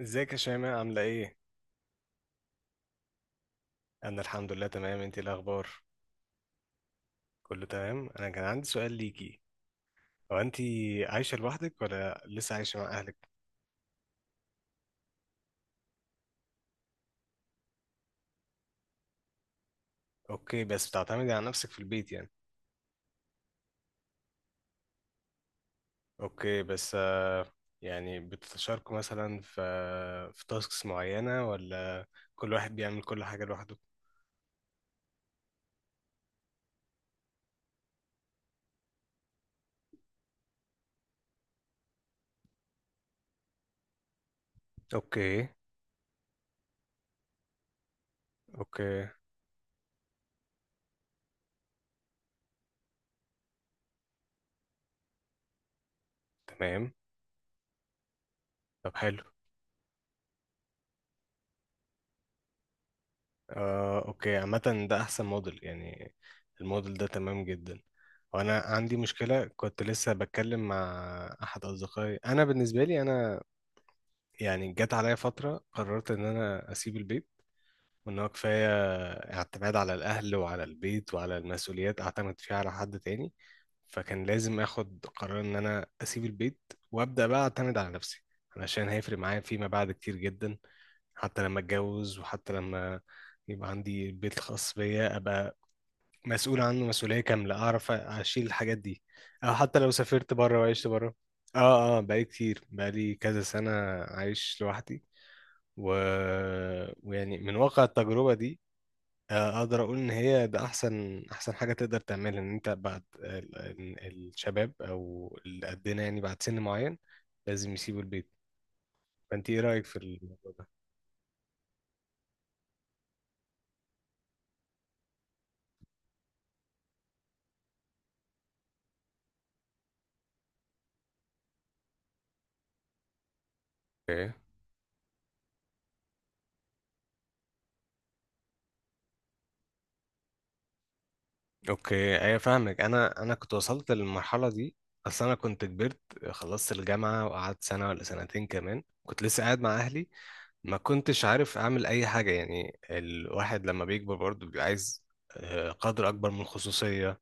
ازيك يا شيماء عاملة ايه؟ أنا الحمد لله تمام. انتي إيه الأخبار؟ كله تمام. أنا كان عندي سؤال ليكي، هو انتي عايشة لوحدك ولا لسه عايشة مع أهلك؟ اوكي، بس بتعتمدي على نفسك في البيت يعني؟ اوكي، بس يعني بتتشاركوا مثلا في في تاسكس معينة ولا كل واحد بيعمل كل حاجة لوحده؟ اوكي. اوكي. تمام. طب حلو. اوكي، عامة ده احسن موديل يعني، الموديل ده تمام جدا. وانا عندي مشكلة، كنت لسه بتكلم مع احد اصدقائي. انا بالنسبة لي انا يعني جت عليا فترة قررت ان انا اسيب البيت، وان هو كفايه اعتماد على الاهل وعلى البيت وعلى المسؤوليات اعتمد فيها على حد تاني. فكان لازم اخد قرار ان انا اسيب البيت، وابدا بقى اعتمد على نفسي، علشان هيفرق معايا فيما بعد كتير جدا. حتى لما اتجوز، وحتى لما يبقى عندي البيت الخاص بيا، ابقى مسؤول عنه مسؤوليه كامله، اعرف اشيل الحاجات دي، او حتى لو سافرت بره وعشت بره. اه، بقالي كتير، بقالي كذا سنه عايش لوحدي و... ويعني من واقع التجربه دي اقدر اقول ان هي ده احسن احسن حاجه تقدر تعملها، ان انت بعد الشباب او اللي قدنا يعني بعد سن معين لازم يسيبوا البيت. فانت ايه رايك في الموضوع ده؟ اوكي. اوكي، ايوه، فاهمك. انا كنت وصلت للمرحله دي. اصل انا كنت كبرت، خلصت الجامعه وقعدت سنه ولا سنتين كمان كنت لسه قاعد مع اهلي، ما كنتش عارف اعمل اي حاجه. يعني الواحد لما بيكبر برضه بيبقى عايز قدر اكبر من الخصوصيه،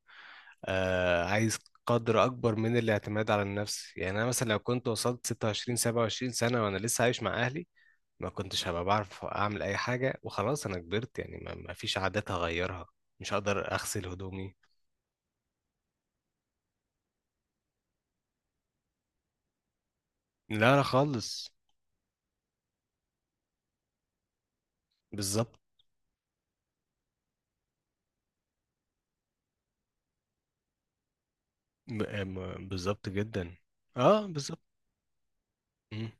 آه عايز قدر اكبر من الاعتماد على النفس. يعني انا مثلا لو كنت وصلت 26 27 سنه وانا لسه عايش مع اهلي، ما كنتش هبقى بعرف اعمل اي حاجه، وخلاص انا كبرت يعني، ما فيش عادات هغيرها، مش هقدر اغسل هدومي. لا لا خالص. بالظبط بالظبط جدا. اه، بالظبط. مم.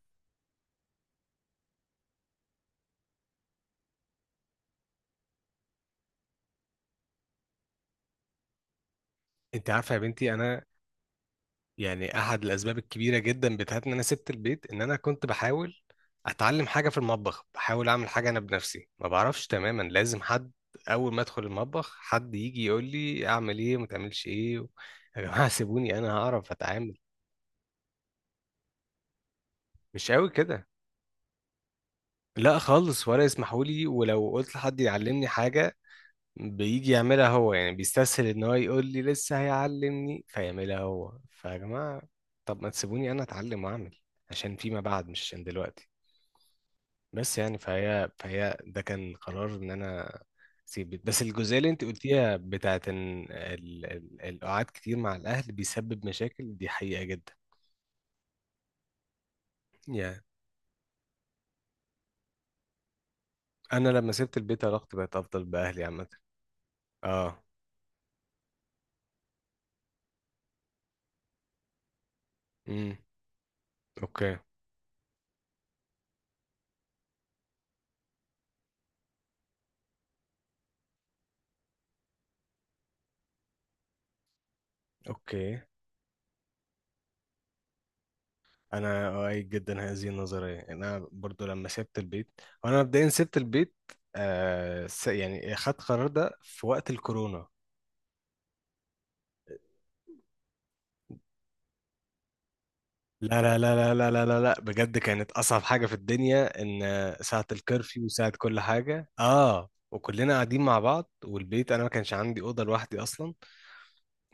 انت عارفه يا بنتي انا يعني احد الاسباب الكبيره جدا بتاعت ان انا سبت البيت، ان انا كنت بحاول اتعلم حاجه في المطبخ، بحاول اعمل حاجه انا بنفسي، ما بعرفش تماما، لازم حد اول ما ادخل المطبخ حد يجي يقول لي اعمل ايه وما تعملش ايه يا جماعه سيبوني انا هعرف اتعامل. مش قوي كده، لا خالص، ولا يسمحوا لي. ولو قلت لحد يعلمني حاجه بيجي يعملها هو، يعني بيستسهل ان هو يقول لي لسه هيعلمني فيعملها هو. فيا جماعه طب ما تسيبوني انا اتعلم واعمل، عشان فيما بعد مش عشان دلوقتي. بس يعني فهي ده كان قرار ان انا اسيب بيت. بس الجزئيه اللي انت قلتيها بتاعت ان القعاد كتير مع الاهل بيسبب مشاكل، دي حقيقه جدا. يعني انا لما سبت البيت علاقتي بقت افضل باهلي عامه. اه. امم. اوكي. اوكي، انا اؤيد جدا هذه النظريه. انا برضو لما سبت البيت، وانا مبدئيا سبت البيت يعني خدت قرار ده في وقت الكورونا. لا لا لا لا لا لا لا لا، بجد كانت أصعب حاجة في الدنيا، إن ساعة الكرفيو وساعة كل حاجة، آه، وكلنا قاعدين مع بعض، والبيت أنا ما كانش عندي أوضة لوحدي أصلا.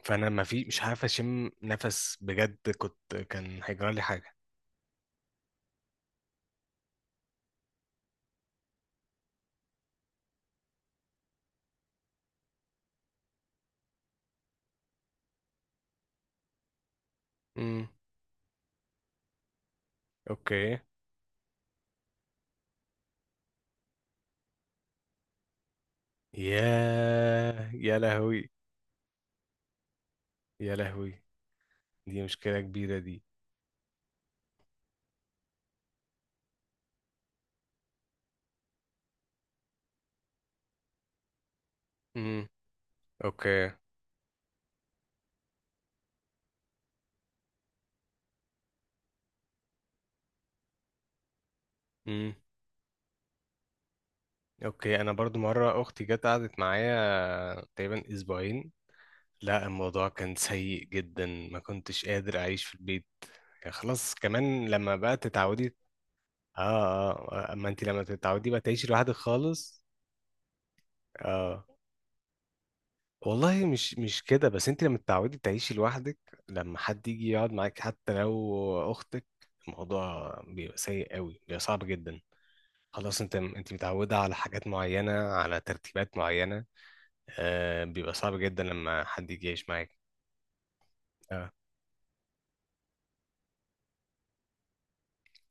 فأنا ما في مش عارف أشم نفس، بجد كنت كان هيجرى لي حاجة. امم. أوكي. ياه يا لهوي. يا لهوي، دي مشكلة كبيرة دي. امم. أوكي. امم. أوكي. أنا برضو مرة أختي جت قعدت معايا تقريبا أسبوعين، لا الموضوع كان سيء جدا، ما كنتش قادر اعيش في البيت. يعني خلاص كمان لما بقى تتعودي. اه. اه، اما انت لما تتعودي بقى تعيشي لوحدك خالص. اه. والله مش مش كده. بس انت لما تتعودي تعيشي لوحدك، لما حد يجي يقعد معاك حتى لو اختك، الموضوع بيبقى سيء قوي، بيبقى صعب جدا. خلاص انت، انت متعودة على حاجات معينة، على ترتيبات معينة، آه، بيبقى صعب جدا لما حد يجي يعيش معاك. آه.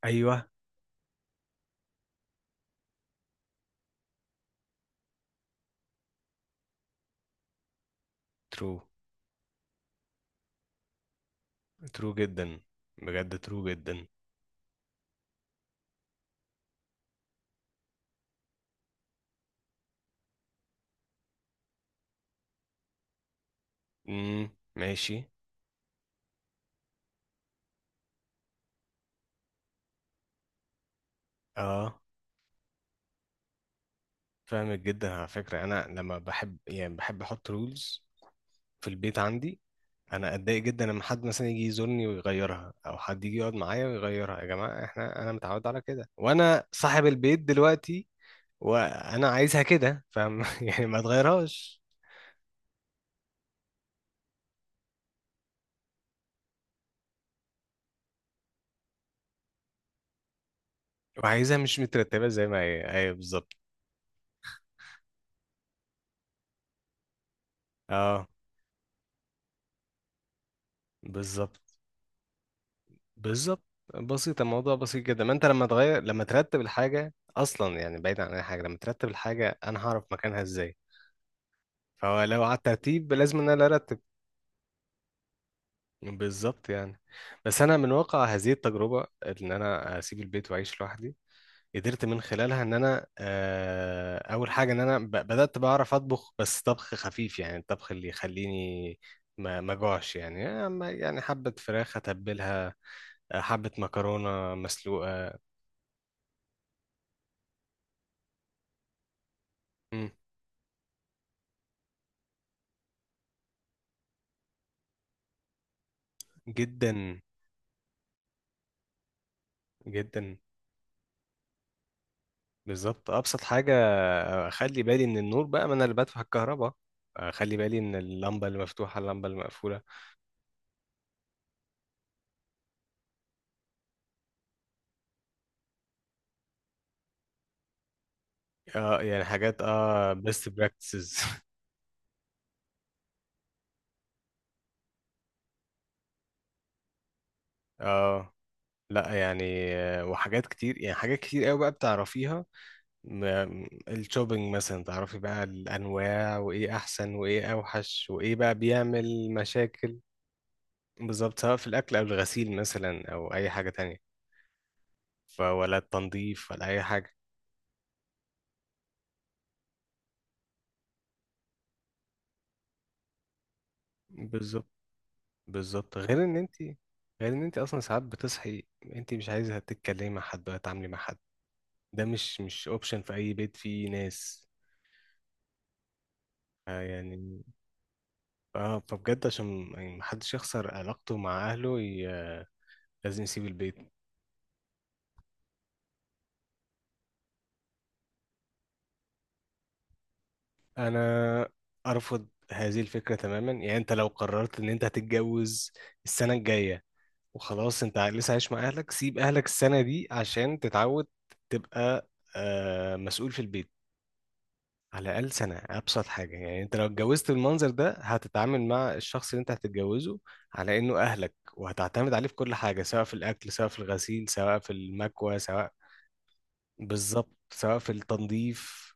ايوه. ترو. ترو جدا، بجد ترو جدا. امم. ماشي. اه، فاهمك جدا. على فكرة انا لما بحب، يعني بحب احط رولز في البيت عندي. انا اتضايق جدا لما حد مثلا يجي يزورني ويغيرها، او حد يجي يقعد معايا ويغيرها. يا جماعة احنا، انا متعود على كده، وانا صاحب البيت دلوقتي، وانا عايزها كده فاهم يعني ما تغيرهاش. وعايزها مش مترتبة زي ما هي، ايوه بالظبط. اه، بالظبط. بالظبط. بسيط الموضوع، بسيط جدا. ما انت لما تغير، لما ترتب الحاجه اصلا، يعني بعيد عن اي حاجه، لما ترتب الحاجه انا هعرف مكانها ازاي؟ فهو لو على الترتيب لازم ان انا اللي ارتب. بالظبط يعني. بس انا من واقع هذه التجربه ان انا اسيب البيت واعيش لوحدي، قدرت من خلالها ان انا اول حاجه ان انا بدات بعرف اطبخ، بس طبخ خفيف يعني، الطبخ اللي يخليني ما جوعش يعني. يعني حبه فراخ اتبلها، حبه مكرونه مسلوقه. جدا. جدا. بالظبط. ابسط حاجه اخلي بالي من النور بقى، ما انا اللي بدفع الكهرباء، اخلي بالي من اللمبه اللي مفتوحه، اللمبه اللي مقفوله. اه يعني حاجات، اه best practices. اه. لا يعني وحاجات كتير يعني، حاجات كتير قوي بقى بتعرفيها. الشوبينج مثلا تعرفي بقى الانواع، وايه احسن وايه اوحش وايه بقى بيعمل مشاكل. بالظبط، سواء في الاكل او الغسيل مثلا او اي حاجه تانية، فولا التنظيف ولا اي حاجه. بالظبط. بالظبط. غير ان انت، غير ان انت اصلا ساعات بتصحي انت مش عايزه تتكلمي مع حد، ولا تتعاملي مع حد، ده مش مش اوبشن في اي بيت فيه ناس. آه يعني، اه، فبجد عشان يعني محدش يخسر علاقته مع اهله لازم يسيب البيت. انا ارفض هذه الفكره تماما. يعني انت لو قررت ان انت هتتجوز السنه الجايه، وخلاص انت لسه عايش مع اهلك، سيب اهلك السنه دي عشان تتعود، تبقى آه مسؤول في البيت. على الأقل سنة، أبسط حاجة يعني. أنت لو اتجوزت بالمنظر ده، هتتعامل مع الشخص اللي أنت هتتجوزه على إنه أهلك، وهتعتمد عليه في كل حاجة، سواء في الأكل، سواء في الغسيل، سواء في المكوى، سواء بالظبط سواء في التنظيف.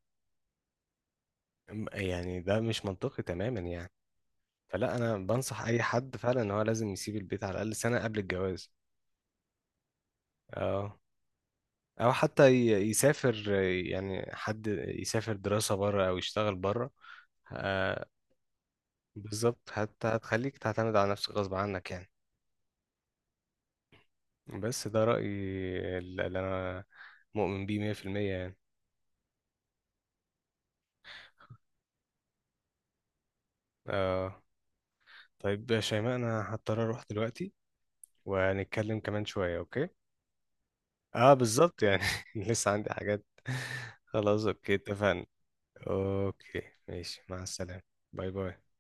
يعني ده مش منطقي تماما يعني. فلا، أنا بنصح أي حد فعلا إن هو لازم يسيب البيت على الأقل سنة قبل الجواز. أه، أو حتى يسافر، يعني حد يسافر دراسة بره أو يشتغل بره. بالظبط، حتى هتخليك تعتمد على نفسك غصب عنك يعني. بس ده رأيي اللي أنا مؤمن بيه 100% يعني. آه. طيب يا شيماء أنا هضطر أروح دلوقتي، وهنتكلم كمان شوية، أوكي؟ آه بالظبط يعني. لسه عندي حاجات. خلاص أوكي، اتفقنا. أوكي. ماشي مع السلامة. باي باي.